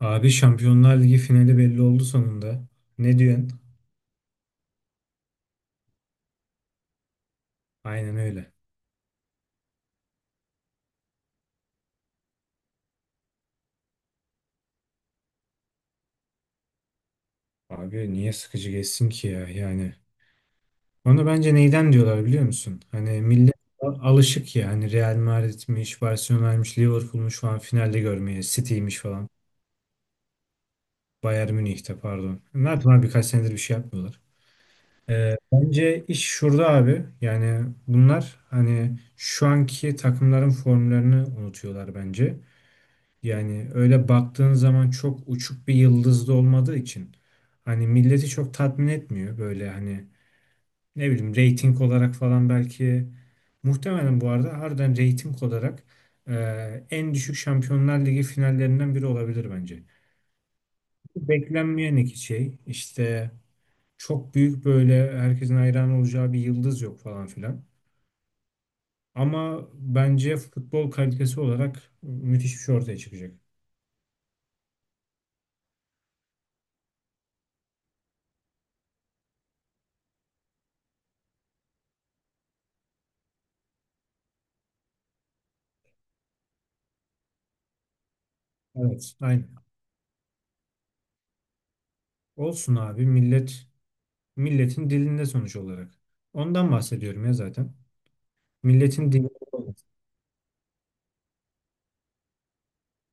Abi Şampiyonlar Ligi finali belli oldu sonunda. Ne diyorsun? Aynen öyle. Abi niye sıkıcı geçsin ki ya yani. Onu bence neyden diyorlar biliyor musun? Hani millet alışık ya hani Real Madrid'miş, Barcelona'ymış, Liverpool'muş falan finalde görmeye, City'ymiş falan. Bayern Münih'te pardon. Ne yaptılar, birkaç senedir bir şey yapmıyorlar. Bence iş şurada abi. Yani bunlar hani şu anki takımların formlarını unutuyorlar bence. Yani öyle baktığın zaman çok uçuk bir yıldızda olmadığı için hani milleti çok tatmin etmiyor, böyle hani ne bileyim reyting olarak falan, belki muhtemelen bu arada harbiden reyting olarak e, en düşük Şampiyonlar Ligi finallerinden biri olabilir bence. Beklenmeyen iki şey işte, çok büyük böyle herkesin hayran olacağı bir yıldız yok falan filan. Ama bence futbol kalitesi olarak müthiş bir şey ortaya çıkacak. Evet, aynen. Olsun abi. Milletin dilinde sonuç olarak. Ondan bahsediyorum ya zaten. Milletin dilinde olması.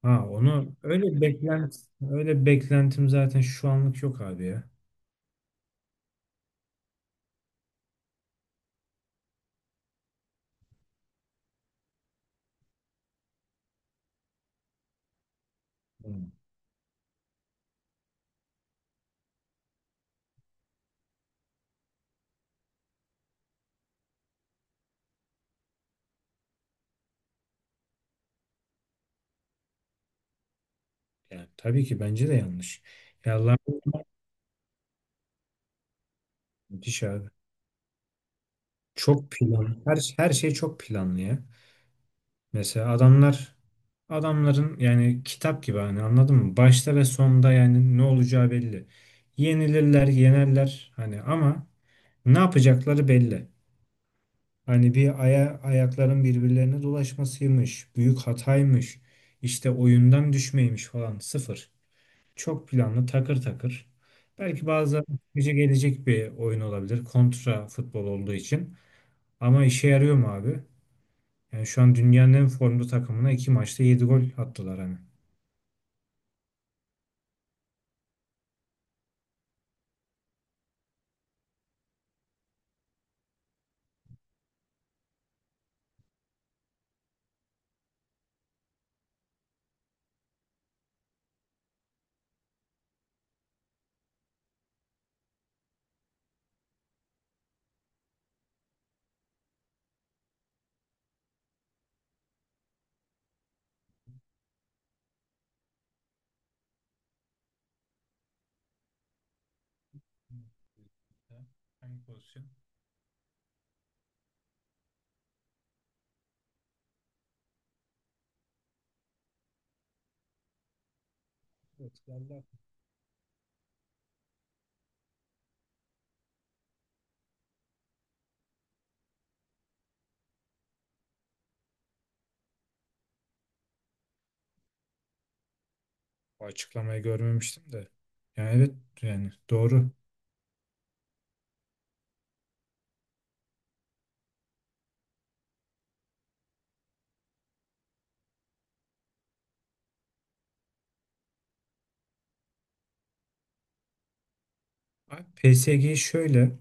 Ha, onu öyle beklentim zaten şu anlık yok abi ya. Hı. Yani tabii ki bence de yanlış. Ya Allah, müthiş abi. Çok plan. Her şey çok planlı ya. Mesela adamların yani kitap gibi, hani anladın mı? Başta ve sonda yani ne olacağı belli. Yenilirler, yenerler hani ama ne yapacakları belli. Hani bir ayakların birbirlerine dolaşmasıymış, büyük hataymış, işte oyundan düşmeymiş falan sıfır. Çok planlı, takır takır. Belki bazen güce gelecek bir oyun olabilir kontra futbol olduğu için. Ama işe yarıyor mu abi? Yani şu an dünyanın en formda takımına iki maçta yedi gol attılar hani. Hangi pozisyon? Evet, vallahi. Bu açıklamayı görmemiştim de. Yani evet, yani doğru. Abi PSG şöyle.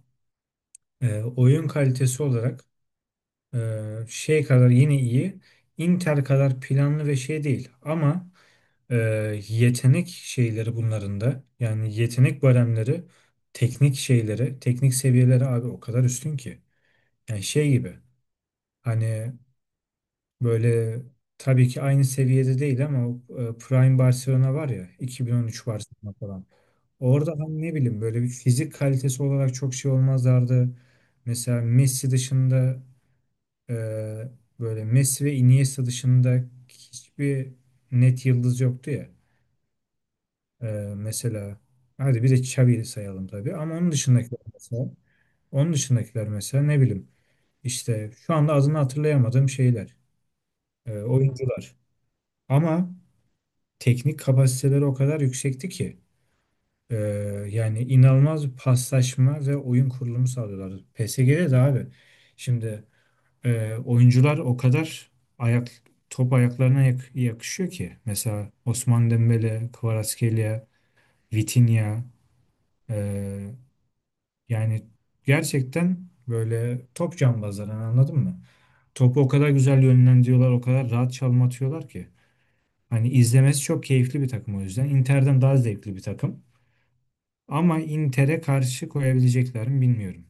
Oyun kalitesi olarak e, şey kadar yine iyi, Inter kadar planlı ve şey değil. Ama e, yetenek şeyleri bunların da, yani yetenek baremleri, teknik şeyleri, teknik seviyeleri abi o kadar üstün ki. Yani şey gibi hani, böyle tabii ki aynı seviyede değil ama Prime Barcelona var ya, 2013 Barcelona falan. Orada hani ne bileyim böyle bir fizik kalitesi olarak çok şey olmazlardı. Mesela Messi dışında, Ee, böyle Messi ve Iniesta dışında hiçbir net yıldız yoktu ya. Ee, Mesela hadi bir de Xavi'yi sayalım tabii, ama onun dışındakiler mesela ne bileyim, işte şu anda adını hatırlayamadığım şeyler, oyuncular. Ama teknik kapasiteleri o kadar yüksekti ki e, yani inanılmaz bir paslaşma ve oyun kurulumu sağlıyorlardı. PSG'de de abi şimdi, oyuncular o kadar ayak top ayaklarına yakışıyor ki. Mesela Osman Dembele, Kvaratskhelia, Vitinha, ee, yani gerçekten böyle top cambazları, anladın mı? Topu o kadar güzel yönlendiriyorlar, o kadar rahat çalım atıyorlar ki. Hani izlemesi çok keyifli bir takım o yüzden. Inter'den daha zevkli bir takım. Ama Inter'e karşı koyabilecekler mi bilmiyorum.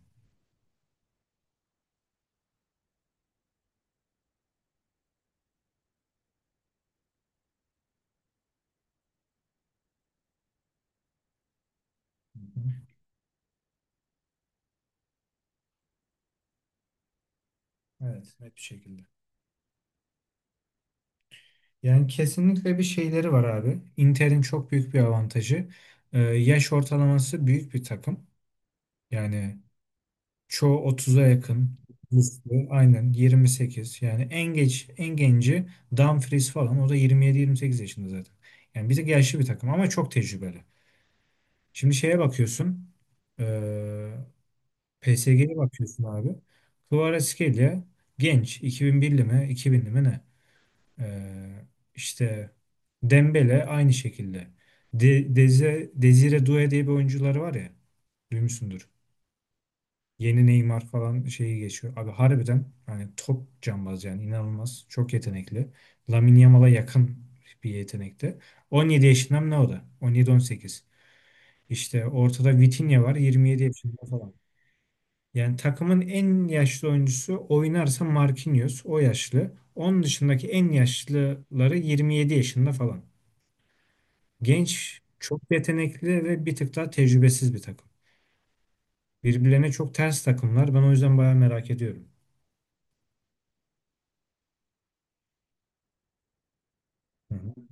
Hı hı. Evet, net bir şekilde. Yani kesinlikle bir şeyleri var abi. Inter'in çok büyük bir avantajı. Yaş ortalaması büyük bir takım. Yani çoğu 30'a yakın. Üstü, aynen 28. Yani en genci Dumfries falan, o da 27-28 yaşında zaten. Yani bir de yaşlı bir takım ama çok tecrübeli. Şimdi şeye bakıyorsun. E, PSG'ye bakıyorsun abi. Kvaratskhelia genç, 2001'li mi 2000'li mi ne? Ee, işte Dembele aynı şekilde. De Deze Desire Doué diye bir oyuncuları var ya. Duymuşsundur. Yeni Neymar falan şeyi geçiyor. Abi harbiden hani top cambaz yani, inanılmaz. Çok yetenekli. Lamine Yamal'a yakın bir yetenekte. 17 yaşında mı ne o da? 17-18. İşte ortada Vitinha var, 27 yaşında falan. Yani takımın en yaşlı oyuncusu oynarsa Marquinhos, o yaşlı. Onun dışındaki en yaşlıları 27 yaşında falan. Genç, çok yetenekli ve bir tık daha tecrübesiz bir takım. Birbirlerine çok ters takımlar. Ben o yüzden bayağı merak ediyorum. Hı hı.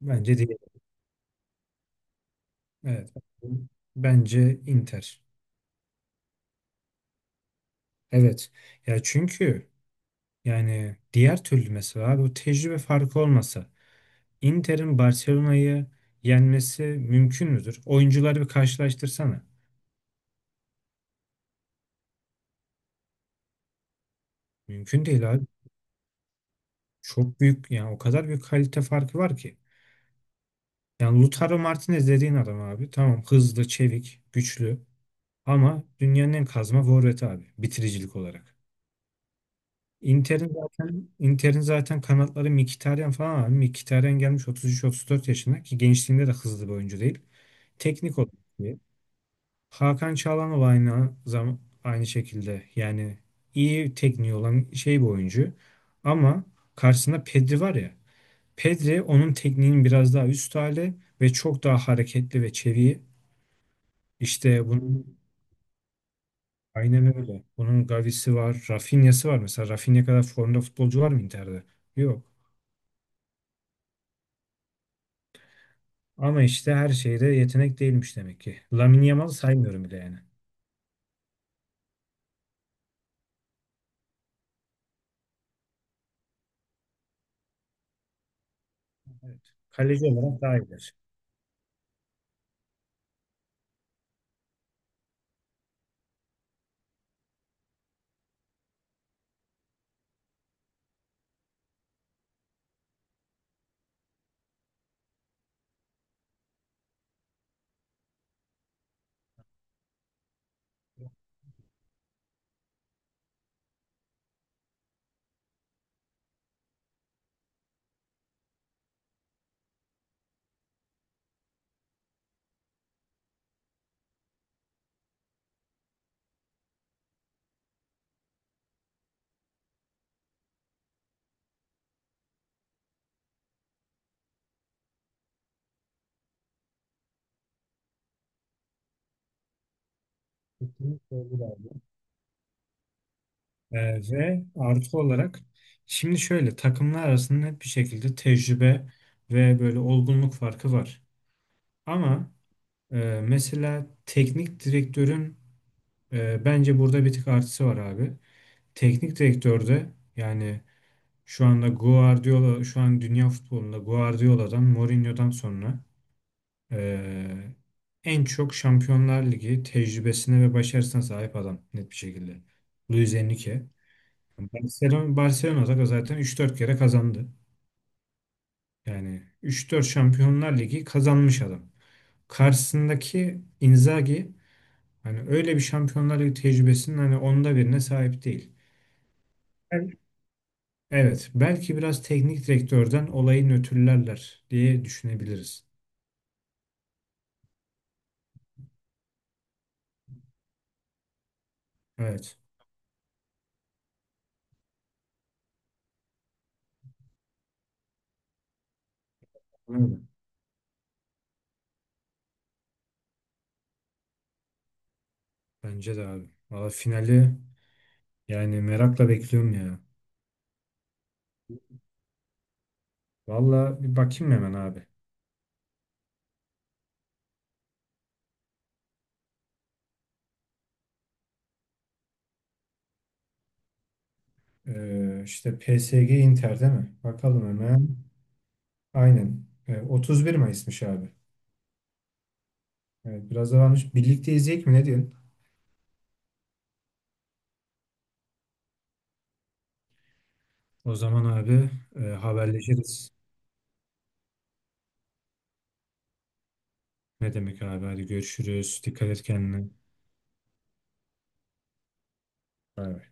Bence değil. Evet. Bence Inter. Evet. Ya çünkü yani diğer türlü mesela abi, bu tecrübe farkı olmasa Inter'in Barcelona'yı yenmesi mümkün müdür? Oyuncuları bir karşılaştırsana. Mümkün değil abi. Çok büyük, yani o kadar büyük kalite farkı var ki. Yani Lautaro Martinez dediğin adam abi, tamam hızlı, çevik, güçlü. Ama dünyanın en kazma forveti abi bitiricilik olarak. Inter'in zaten kanatları Mkhitaryan falan abi. Mkhitaryan gelmiş 33-34 yaşına, ki gençliğinde de hızlı bir oyuncu değil. Teknik olarak iyi. Hakan Çalhanoğlu aynı şekilde, yani iyi tekniği olan şey bir oyuncu. Ama karşısında Pedri var ya. Pedri onun tekniğinin biraz daha üst hali ve çok daha hareketli ve çevik. İşte bunu Aynen öyle. Bunun Gavi'si var, Rafinha'sı var. Mesela Rafinha kadar formda futbolcu var mı Inter'de? Yok. Ama işte her şeyde yetenek değilmiş demek ki. Lamine Yamal'ı saymıyorum bile yani. Evet, kaleci olarak daha iyidir. Kesinlikle öyle abi. Ve artı olarak, şimdi şöyle, takımlar arasında net bir şekilde tecrübe ve böyle olgunluk farkı var. Ama mesela teknik direktörün bence burada bir tık artısı var abi. Teknik direktörde yani. Şu anda Guardiola, şu an dünya futbolunda Guardiola'dan, Mourinho'dan sonra eee, en çok Şampiyonlar Ligi tecrübesine ve başarısına sahip adam net bir şekilde: Luis Enrique. Barcelona'da da zaten üç dört kere kazandı. Yani üç dört Şampiyonlar Ligi kazanmış adam. Karşısındaki Inzaghi hani öyle bir Şampiyonlar Ligi tecrübesinin hani onda birine sahip değil. Evet, belki biraz teknik direktörden olayı nötrlerler diye düşünebiliriz. Evet. Aynen. Bence de abi. Valla finali yani merakla bekliyorum ya. Valla bir bakayım hemen abi. İşte PSG Inter değil mi? Bakalım hemen. Aynen. 31 Mayıs'mış abi. Evet, biraz da varmış. Birlikte izleyecek mi? Ne diyorsun? O zaman abi haberleşiriz. Ne demek abi? Hadi görüşürüz. Dikkat et kendine. Bay bay.